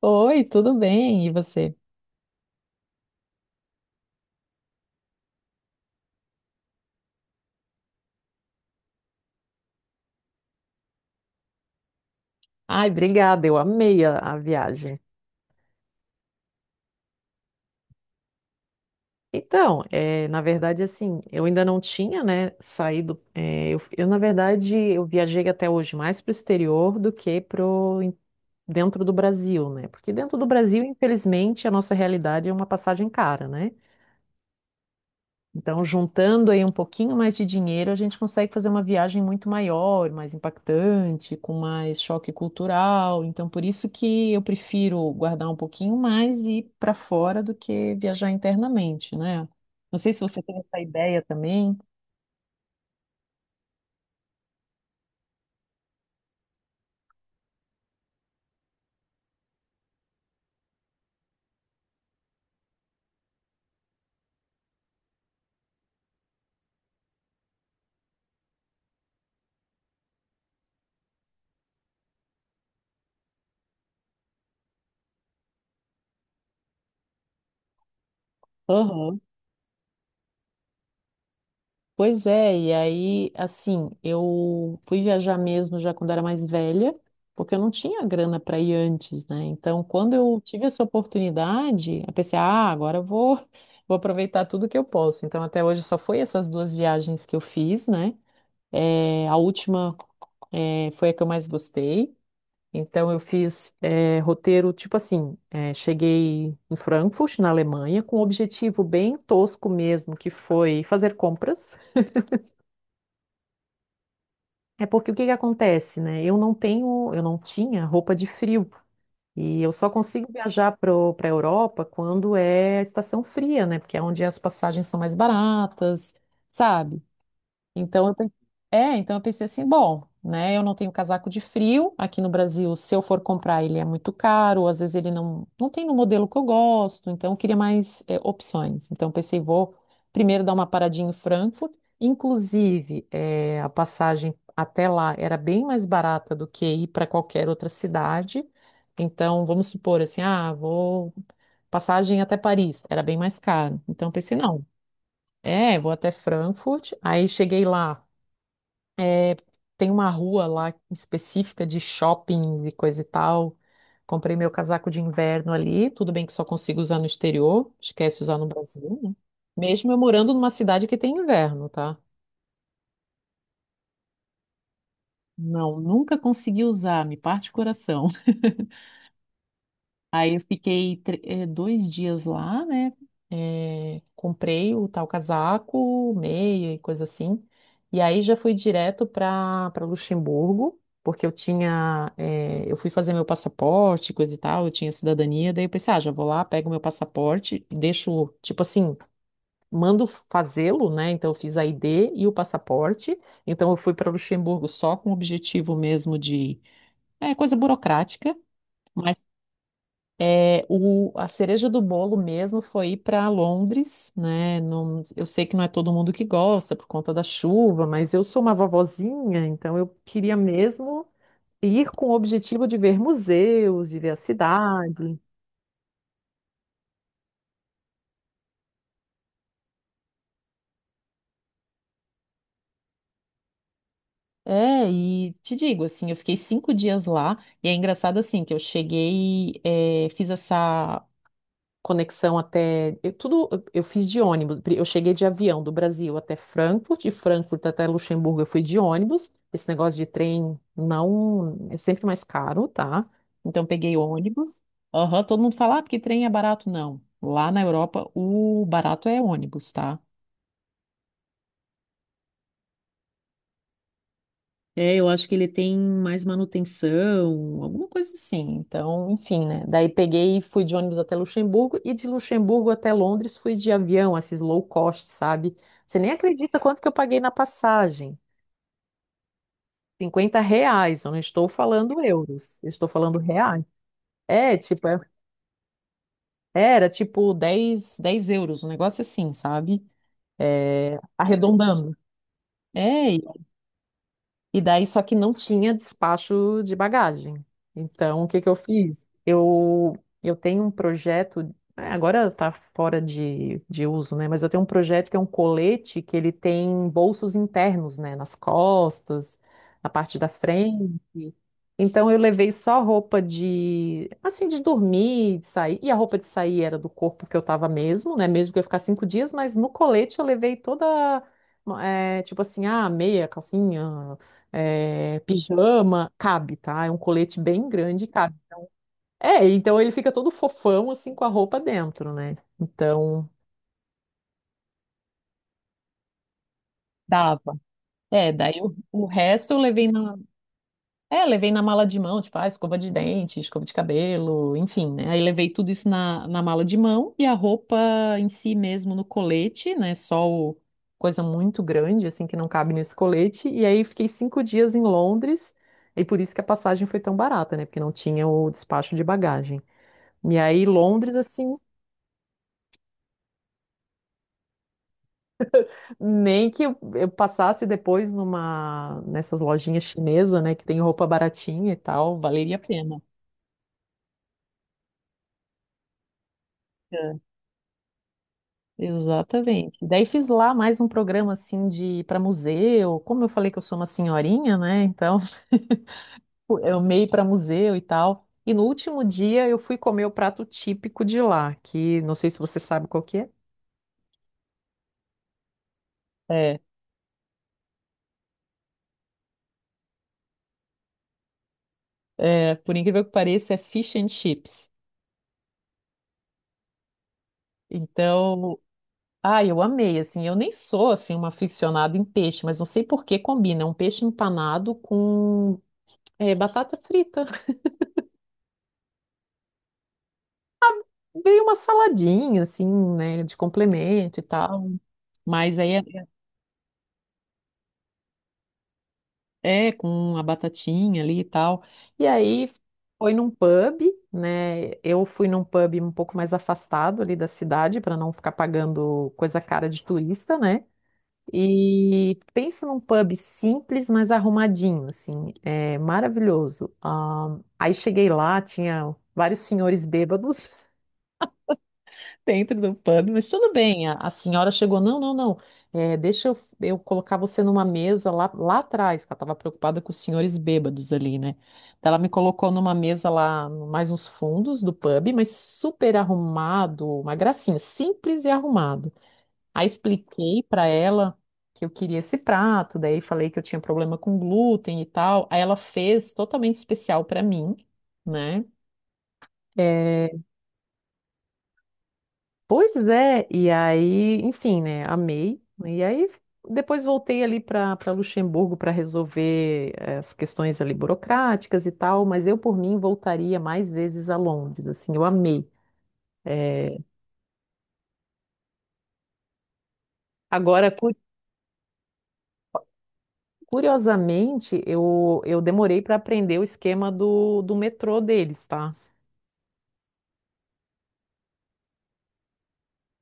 Oi, tudo bem? E você? Ai, obrigada, eu amei a viagem. Então, na verdade, assim, eu ainda não tinha, né, saído. Na verdade, eu viajei até hoje mais para o exterior do que dentro do Brasil, né? Porque dentro do Brasil, infelizmente, a nossa realidade é uma passagem cara, né? Então, juntando aí um pouquinho mais de dinheiro, a gente consegue fazer uma viagem muito maior, mais impactante, com mais choque cultural. Então, por isso que eu prefiro guardar um pouquinho mais e ir para fora do que viajar internamente, né? Não sei se você tem essa ideia também. Aham. Pois é, e aí, assim, eu fui viajar mesmo já quando era mais velha, porque eu não tinha grana para ir antes, né? Então, quando eu tive essa oportunidade, eu pensei, ah, agora eu vou, vou aproveitar tudo que eu posso. Então, até hoje só foi essas duas viagens que eu fiz, né? A última, foi a que eu mais gostei. Então, eu fiz, roteiro, tipo assim, cheguei em Frankfurt, na Alemanha, com um objetivo bem tosco mesmo, que foi fazer compras. É porque o que que acontece, né? Eu não tenho, eu não tinha roupa de frio. E eu só consigo viajar para a Europa quando é estação fria, né? Porque é onde as passagens são mais baratas, sabe? Então eu, pen- então eu pensei assim, bom, né? Eu não tenho casaco de frio aqui no Brasil. Se eu for comprar, ele é muito caro. Às vezes ele não tem no modelo que eu gosto. Então eu queria mais é, opções. Então eu pensei, vou primeiro dar uma paradinha em Frankfurt. Inclusive, é, a passagem até lá era bem mais barata do que ir para qualquer outra cidade. Então vamos supor assim, ah, vou passagem até Paris era bem mais caro. Então eu pensei, não. É, vou até Frankfurt. Aí cheguei lá. É, tem uma rua lá específica de shoppings e coisa e tal. Comprei meu casaco de inverno ali. Tudo bem que só consigo usar no exterior. Esquece usar no Brasil, né? Mesmo eu morando numa cidade que tem inverno, tá? Não, nunca consegui usar, me parte o coração. Aí eu fiquei 2 dias lá, né? Comprei o tal casaco, meia e coisa assim. E aí já fui direto para Luxemburgo, porque eu tinha, eu fui fazer meu passaporte, coisa e tal, eu tinha cidadania. Daí eu pensei, ah, já vou lá, pego meu passaporte, deixo, tipo assim, mando fazê-lo, né? Então eu fiz a ID e o passaporte. Então eu fui para Luxemburgo só com o objetivo mesmo de, é, coisa burocrática. mas a cereja do bolo mesmo foi ir para Londres, né? Eu sei que não é todo mundo que gosta por conta da chuva, mas eu sou uma vovozinha, então eu queria mesmo ir com o objetivo de ver museus, de ver a cidade. É, e te digo, assim, eu fiquei 5 dias lá, e é engraçado, assim, que eu cheguei, fiz essa conexão até. Eu, tudo eu fiz de ônibus. Eu cheguei de avião do Brasil até Frankfurt, de Frankfurt até Luxemburgo eu fui de ônibus. Esse negócio de trem não é sempre mais caro, tá? Então peguei ônibus. Aham, todo mundo fala, ah, porque trem é barato. Não. Lá na Europa, o barato é ônibus, tá? É, eu acho que ele tem mais manutenção, alguma coisa assim. Então, enfim, né? Daí peguei e fui de ônibus até Luxemburgo e de Luxemburgo até Londres fui de avião, esses low cost, sabe? Você nem acredita quanto que eu paguei na passagem. R$ 50, eu não estou falando euros, eu estou falando reais. É, tipo, era tipo dez euros, um negócio assim, sabe? É, arredondando. É, e daí só que não tinha despacho de bagagem. Então, o que que eu fiz? Eu tenho um projeto, é, agora tá fora de uso, né? Mas eu tenho um projeto que é um colete que ele tem bolsos internos, né? Nas costas, na parte da frente. Então, eu levei só roupa de, assim, de dormir, de sair. E a roupa de sair era do corpo que eu tava mesmo, né? Mesmo que eu ia ficar 5 dias, mas no colete eu levei toda é, tipo assim, ah, meia, calcinha, é, pijama, cabe, tá? É um colete bem grande e cabe. É, então ele fica todo fofão, assim, com a roupa dentro, né? Então, dava. É, daí o resto eu levei na mala de mão, tipo, ah, escova de dente, escova de cabelo, enfim, né? Aí levei tudo isso na mala de mão e a roupa em si mesmo no colete, né? Só o, coisa muito grande, assim, que não cabe nesse colete. E aí fiquei 5 dias em Londres e por isso que a passagem foi tão barata, né? Porque não tinha o despacho de bagagem. E aí, Londres, assim, nem que eu passasse depois nessas lojinhas chinesas, né, que tem roupa baratinha e tal, valeria a pena. É. Exatamente. Daí fiz lá mais um programa assim de para museu. Como eu falei que eu sou uma senhorinha, né? Então, eu meio para museu e tal. E no último dia eu fui comer o prato típico de lá, que não sei se você sabe qual que é. É, por incrível que pareça, é fish and chips. Então, ah, eu amei, assim, eu nem sou, assim, uma aficionada em peixe, mas não sei por que combina é um peixe empanado com é, batata frita. Veio uma saladinha, assim, né, de complemento e tal, mas aí é com a batatinha ali e tal. E aí foi num pub, né, eu fui num pub um pouco mais afastado ali da cidade, para não ficar pagando coisa cara de turista, né. E pensa num pub simples, mas arrumadinho, assim, é maravilhoso. Ah, aí cheguei lá, tinha vários senhores bêbados dentro do pub, mas tudo bem. A senhora chegou, não, não, não, deixa eu colocar você numa mesa lá, lá atrás, que ela estava preocupada com os senhores bêbados ali, né? Então, ela me colocou numa mesa lá, mais nos fundos do pub, mas super arrumado, uma gracinha, simples e arrumado. Aí expliquei pra ela que eu queria esse prato, daí falei que eu tinha problema com glúten e tal. Aí ela fez totalmente especial pra mim, né? É, pois é, e aí, enfim, né? Amei. E aí depois voltei ali para Luxemburgo para resolver as questões ali burocráticas e tal, mas eu por mim voltaria mais vezes a Londres, assim, eu amei. É, agora, curiosamente, eu demorei para aprender o esquema do metrô deles, tá?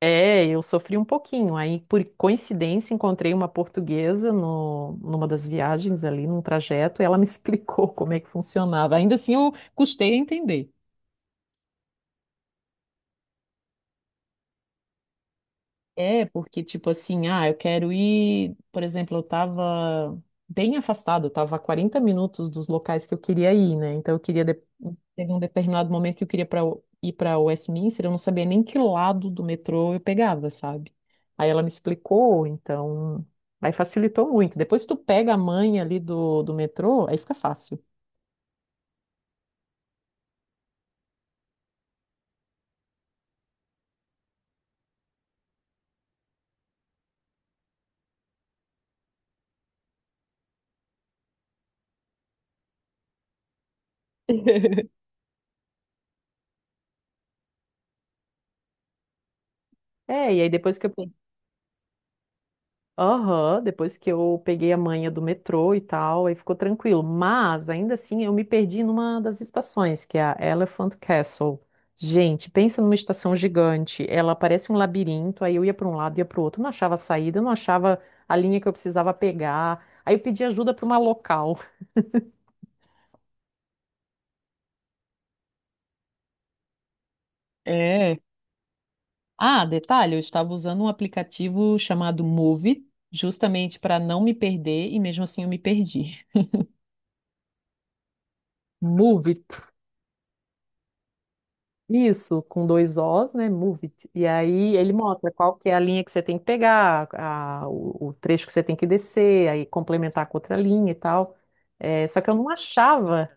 É, eu sofri um pouquinho. Aí, por coincidência, encontrei uma portuguesa no, numa das viagens ali, num trajeto, e ela me explicou como é que funcionava. Ainda assim, eu custei a entender. É, porque, tipo assim, ah, eu quero ir. Por exemplo, eu tava bem afastado, eu tava a 40 minutos dos locais que eu queria ir, né? Então, eu queria. Teve um determinado momento que eu queria pra ir para Westminster, eu não sabia nem que lado do metrô eu pegava, sabe? Aí ela me explicou, então. Aí facilitou muito. Depois que tu pega a manha ali do metrô, aí fica fácil. É, e aí depois que eu, aham, depois que eu peguei a manha do metrô e tal, aí ficou tranquilo. Mas, ainda assim, eu me perdi numa das estações, que é a Elephant Castle. Gente, pensa numa estação gigante. Ela parece um labirinto, aí eu ia para um lado, ia para o outro, não achava saída, não achava a linha que eu precisava pegar. Aí eu pedi ajuda para uma local. É. Ah, detalhe, eu estava usando um aplicativo chamado Move, justamente para não me perder, e mesmo assim eu me perdi. Move. Isso, com dois Os, né? Move it. E aí ele mostra qual que é a linha que você tem que pegar, o trecho que você tem que descer, aí complementar com outra linha e tal. É, só que eu não achava,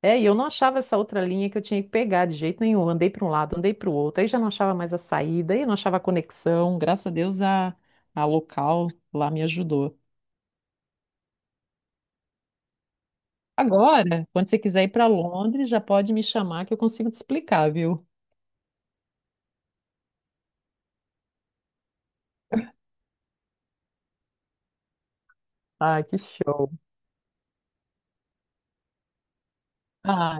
e eu não achava essa outra linha que eu tinha que pegar de jeito nenhum. Andei para um lado, andei para o outro, aí já não achava mais a saída, aí eu não achava a conexão. Graças a Deus a local lá me ajudou. Agora, quando você quiser ir para Londres, já pode me chamar que eu consigo te explicar, viu? Ah, que show. Ah,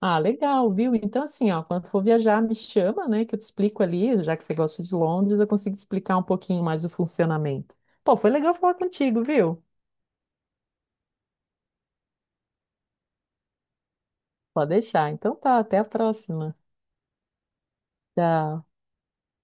Ah, legal, viu? Então, assim, ó, quando for viajar, me chama, né, que eu te explico ali, já que você gosta de Londres, eu consigo te explicar um pouquinho mais o funcionamento. Pô, foi legal falar contigo, viu? Pode deixar. Então tá, até a próxima. Tchau.